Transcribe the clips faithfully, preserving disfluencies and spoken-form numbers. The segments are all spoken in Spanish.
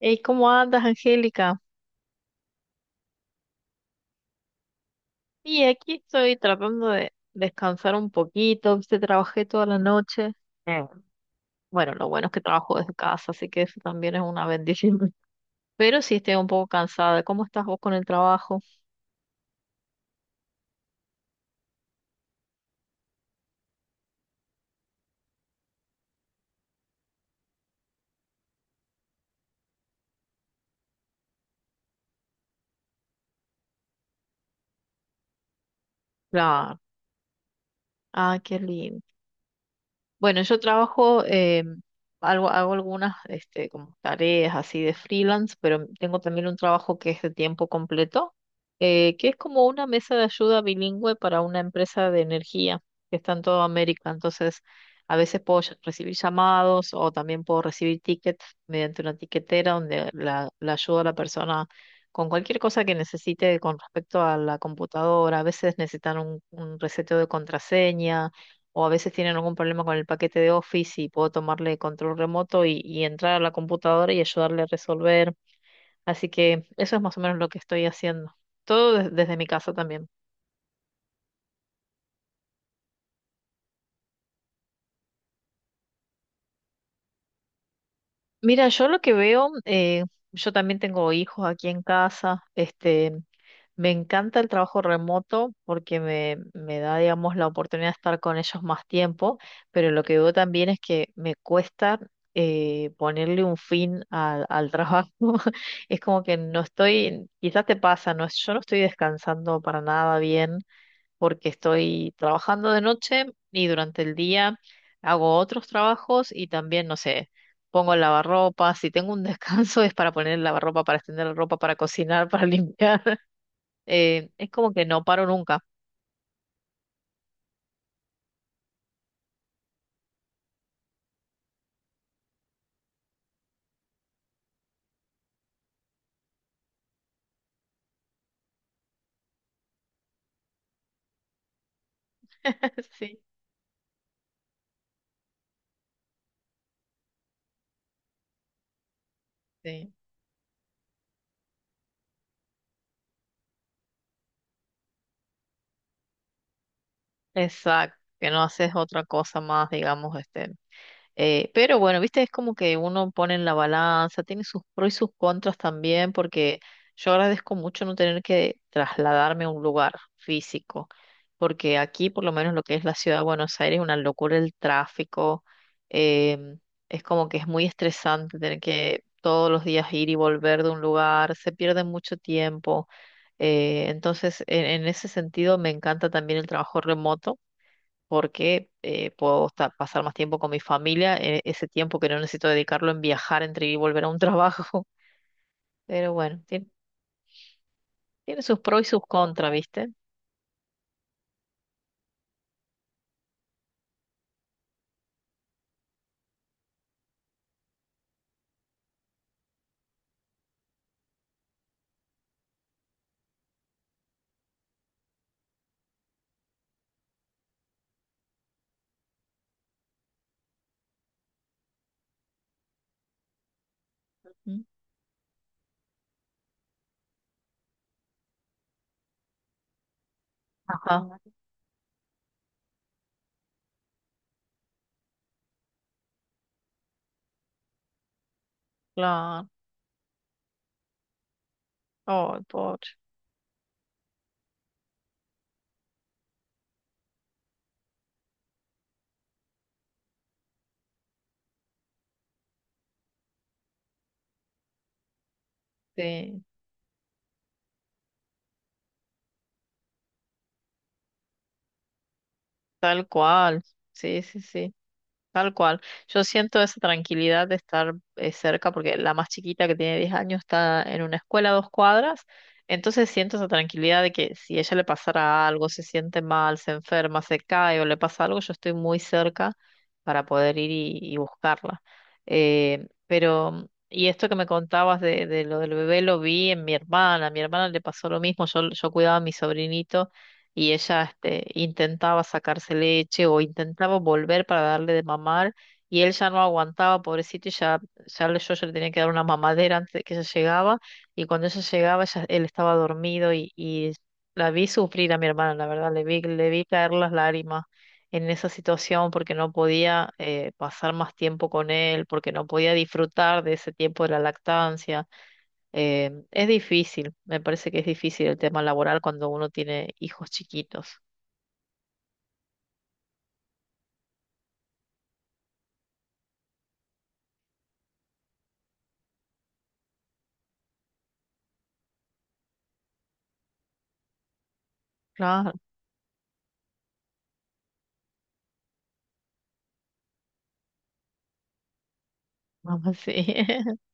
Hey, ¿cómo andas, Angélica? Y aquí estoy tratando de descansar un poquito, viste, trabajé toda la noche. Eh, bueno, lo bueno es que trabajo desde casa, así que eso también es una bendición. Pero sí estoy un poco cansada. ¿Cómo estás vos con el trabajo? Claro. Ah, qué lindo. Bueno, yo trabajo, eh, algo, hago algunas este, como tareas así de freelance, pero tengo también un trabajo que es de tiempo completo, eh, que es como una mesa de ayuda bilingüe para una empresa de energía que está en toda América. Entonces, a veces puedo ll- recibir llamados o también puedo recibir tickets mediante una tiquetera donde la, la ayuda a la persona con cualquier cosa que necesite con respecto a la computadora. A veces necesitan un, un reseteo de contraseña o a veces tienen algún problema con el paquete de Office y puedo tomarle control remoto y, y entrar a la computadora y ayudarle a resolver. Así que eso es más o menos lo que estoy haciendo. Todo des- desde mi casa también. Mira, yo lo que veo, eh, yo también tengo hijos aquí en casa, este, me encanta el trabajo remoto porque me, me da, digamos, la oportunidad de estar con ellos más tiempo, pero lo que veo también es que me cuesta eh, ponerle un fin al, al trabajo. Es como que no estoy, quizás te pasa, no, yo no estoy descansando para nada bien porque estoy trabajando de noche y durante el día hago otros trabajos y también, no sé, pongo el lavarropa. Si tengo un descanso es para poner el lavarropa, para extender la ropa, para cocinar, para limpiar. Eh, es como que no paro nunca. Sí, sí. Exacto, que no haces otra cosa más, digamos, este. Eh, pero bueno, viste, es como que uno pone en la balanza, tiene sus pros y sus contras también, porque yo agradezco mucho no tener que trasladarme a un lugar físico, porque aquí por lo menos lo que es la ciudad de Buenos Aires es una locura el tráfico. em, es como que es muy estresante tener que todos los días ir y volver de un lugar, se pierde mucho tiempo. Eh, entonces, en en ese sentido, me encanta también el trabajo remoto porque eh, puedo esta- pasar más tiempo con mi familia, eh, ese tiempo que no necesito dedicarlo en viajar entre ir y volver a un trabajo. Pero bueno, tiene, tiene sus pros y sus contras, ¿viste? Mm. Ajá, claro. Oh, pobre. Sí, tal cual. Sí, sí, sí. Tal cual. Yo siento esa tranquilidad de estar eh, cerca, porque la más chiquita que tiene diez años está en una escuela a dos cuadras, entonces siento esa tranquilidad de que si ella le pasara algo, se siente mal, se enferma, se cae o le pasa algo, yo estoy muy cerca para poder ir y, y buscarla. Eh, pero, y esto que me contabas de, de, lo del bebé lo vi en mi hermana, a mi hermana le pasó lo mismo, yo, yo cuidaba a mi sobrinito y ella este, intentaba sacarse leche o intentaba volver para darle de mamar y él ya no aguantaba, pobrecito, y ya, ya le- yo ya le tenía que dar una mamadera antes de que ella llegaba y cuando ella llegaba ya él estaba dormido y, y la vi sufrir a mi hermana, la verdad, le vi, le vi caer las lágrimas en esa situación porque no podía eh, pasar más tiempo con él, porque no podía disfrutar de ese tiempo de la lactancia. Eh, es difícil, me parece que es difícil el tema laboral cuando uno tiene hijos chiquitos. Claro, mamá, sí.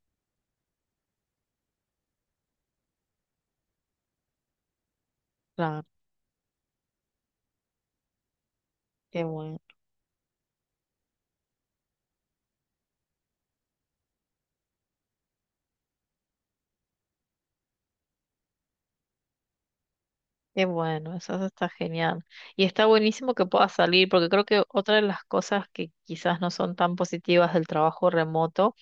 Claro, qué bueno, qué bueno, eso eso está genial. Y está buenísimo que pueda salir, porque creo que otra de las cosas que quizás no son tan positivas del trabajo remoto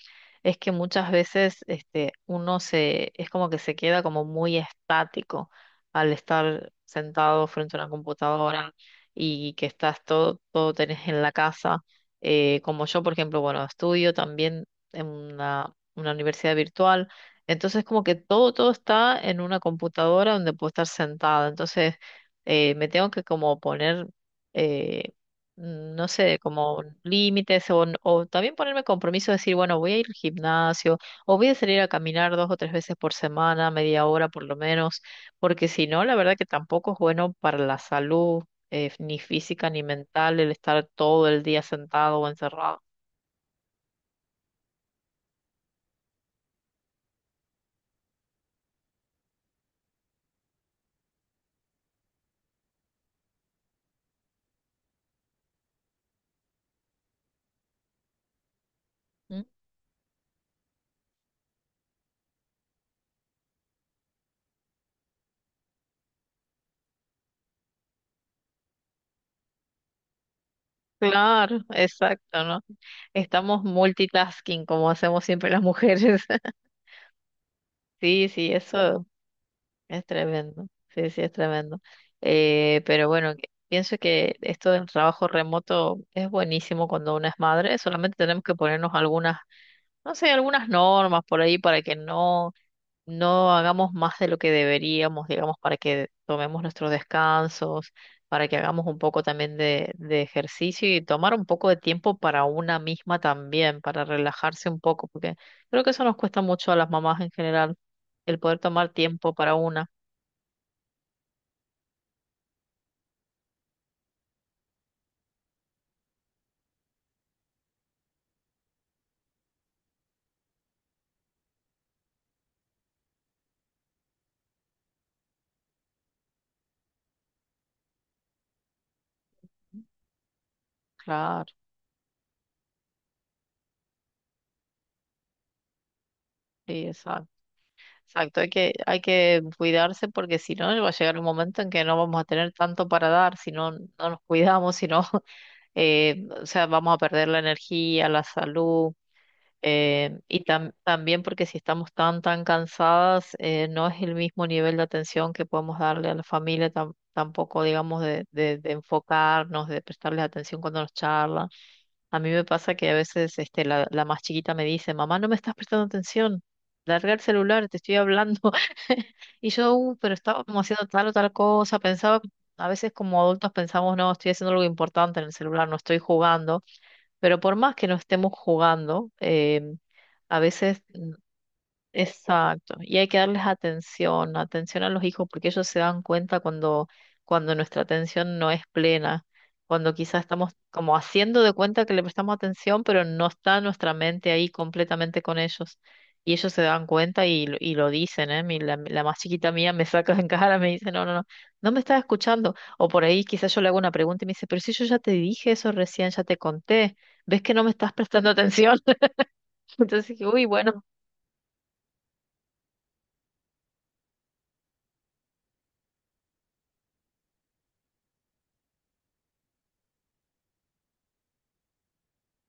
es que muchas veces este, uno se, es como que se queda como muy estático al estar sentado frente a una computadora y que estás todo, todo, tenés en la casa. Eh, como yo, por ejemplo, bueno, estudio también en una, una universidad virtual. Entonces, como que todo, todo está en una computadora donde puedo estar sentada. Entonces, eh, me tengo que como poner eh, mm, no sé, como límites o, n- o también ponerme compromiso de decir, bueno, voy a ir al gimnasio o voy a salir a caminar dos o tres veces por semana, media hora por lo menos, porque si no, la verdad que tampoco es bueno para la salud, eh, ni física ni mental, el estar todo el día sentado o encerrado. ¿Mm? Claro, exacto, ¿no? Estamos multitasking como hacemos siempre las mujeres. Sí, sí, eso. Es tremendo, sí, sí, es tremendo. Eh, pero bueno, que- pienso que esto del trabajo remoto es buenísimo cuando uno es madre, solamente tenemos que ponernos algunas, no sé, algunas normas por ahí para que no, no hagamos más de lo que deberíamos, digamos, para que tomemos nuestros descansos, para que hagamos un poco también de, de ejercicio y tomar un poco de tiempo para una misma también, para relajarse un poco, porque creo que eso nos cuesta mucho a las mamás en general, el poder tomar tiempo para una. Claro, sí, exacto. Exacto, hay que, hay que cuidarse porque si no va a llegar un momento en que no vamos a tener tanto para dar, si no, no nos cuidamos, si no, eh, o sea, vamos a perder la energía, la salud, eh, y tam- también porque si estamos tan, tan cansadas, eh, no es el mismo nivel de atención que podemos darle a la familia, tam- tampoco, digamos, de, de, de, enfocarnos, de prestarles atención cuando nos charlan. A mí me pasa que a veces este, la, la más chiquita me dice, mamá, no me estás prestando atención, larga el celular, te estoy hablando. Y yo, "Uh, pero estábamos haciendo tal o tal cosa", pensaba, a veces como adultos pensamos, no, estoy haciendo algo importante en el celular, no estoy jugando, pero por más que no estemos jugando, em, a veces Exacto, y hay que darles atención, atención a los hijos, porque ellos se dan cuenta cuando, cuando nuestra atención no es plena, cuando quizás estamos como haciendo de cuenta que le prestamos atención, pero no está nuestra mente ahí completamente con ellos. Y ellos se dan cuenta y, lo- y lo dicen, ¿eh? Mi- la, la más chiquita mía me saca en cara, me dice, no, no, no, no me estás escuchando. O por ahí quizás yo le hago una pregunta y me dice, pero si yo ya te dije eso recién, ya te conté, ¿ves que no me estás prestando atención? Entonces dije, uy, bueno.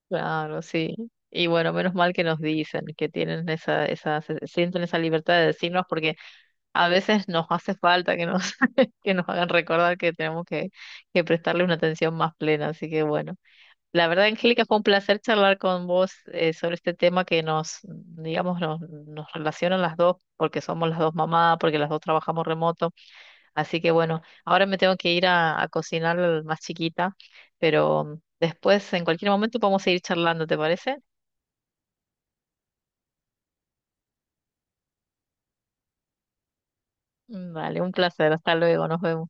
Claro, sí. Y bueno, menos mal que nos dicen que tienen esa, esa, se- sienten esa libertad de decirnos porque a veces nos hace falta que nos, que nos hagan recordar que tenemos que, que prestarle una atención más plena. Así que bueno, la verdad, Angélica, fue un placer charlar con vos eh, sobre este tema que nos, digamos, nos, nos relaciona a las dos porque somos las dos mamás, porque las dos trabajamos remoto. Así que bueno, ahora me tengo que ir a, a cocinar al más chiquita, pero después en cualquier momento podemos seguir charlando, ¿te parece? Vale, un placer. Hasta luego. Nos vemos.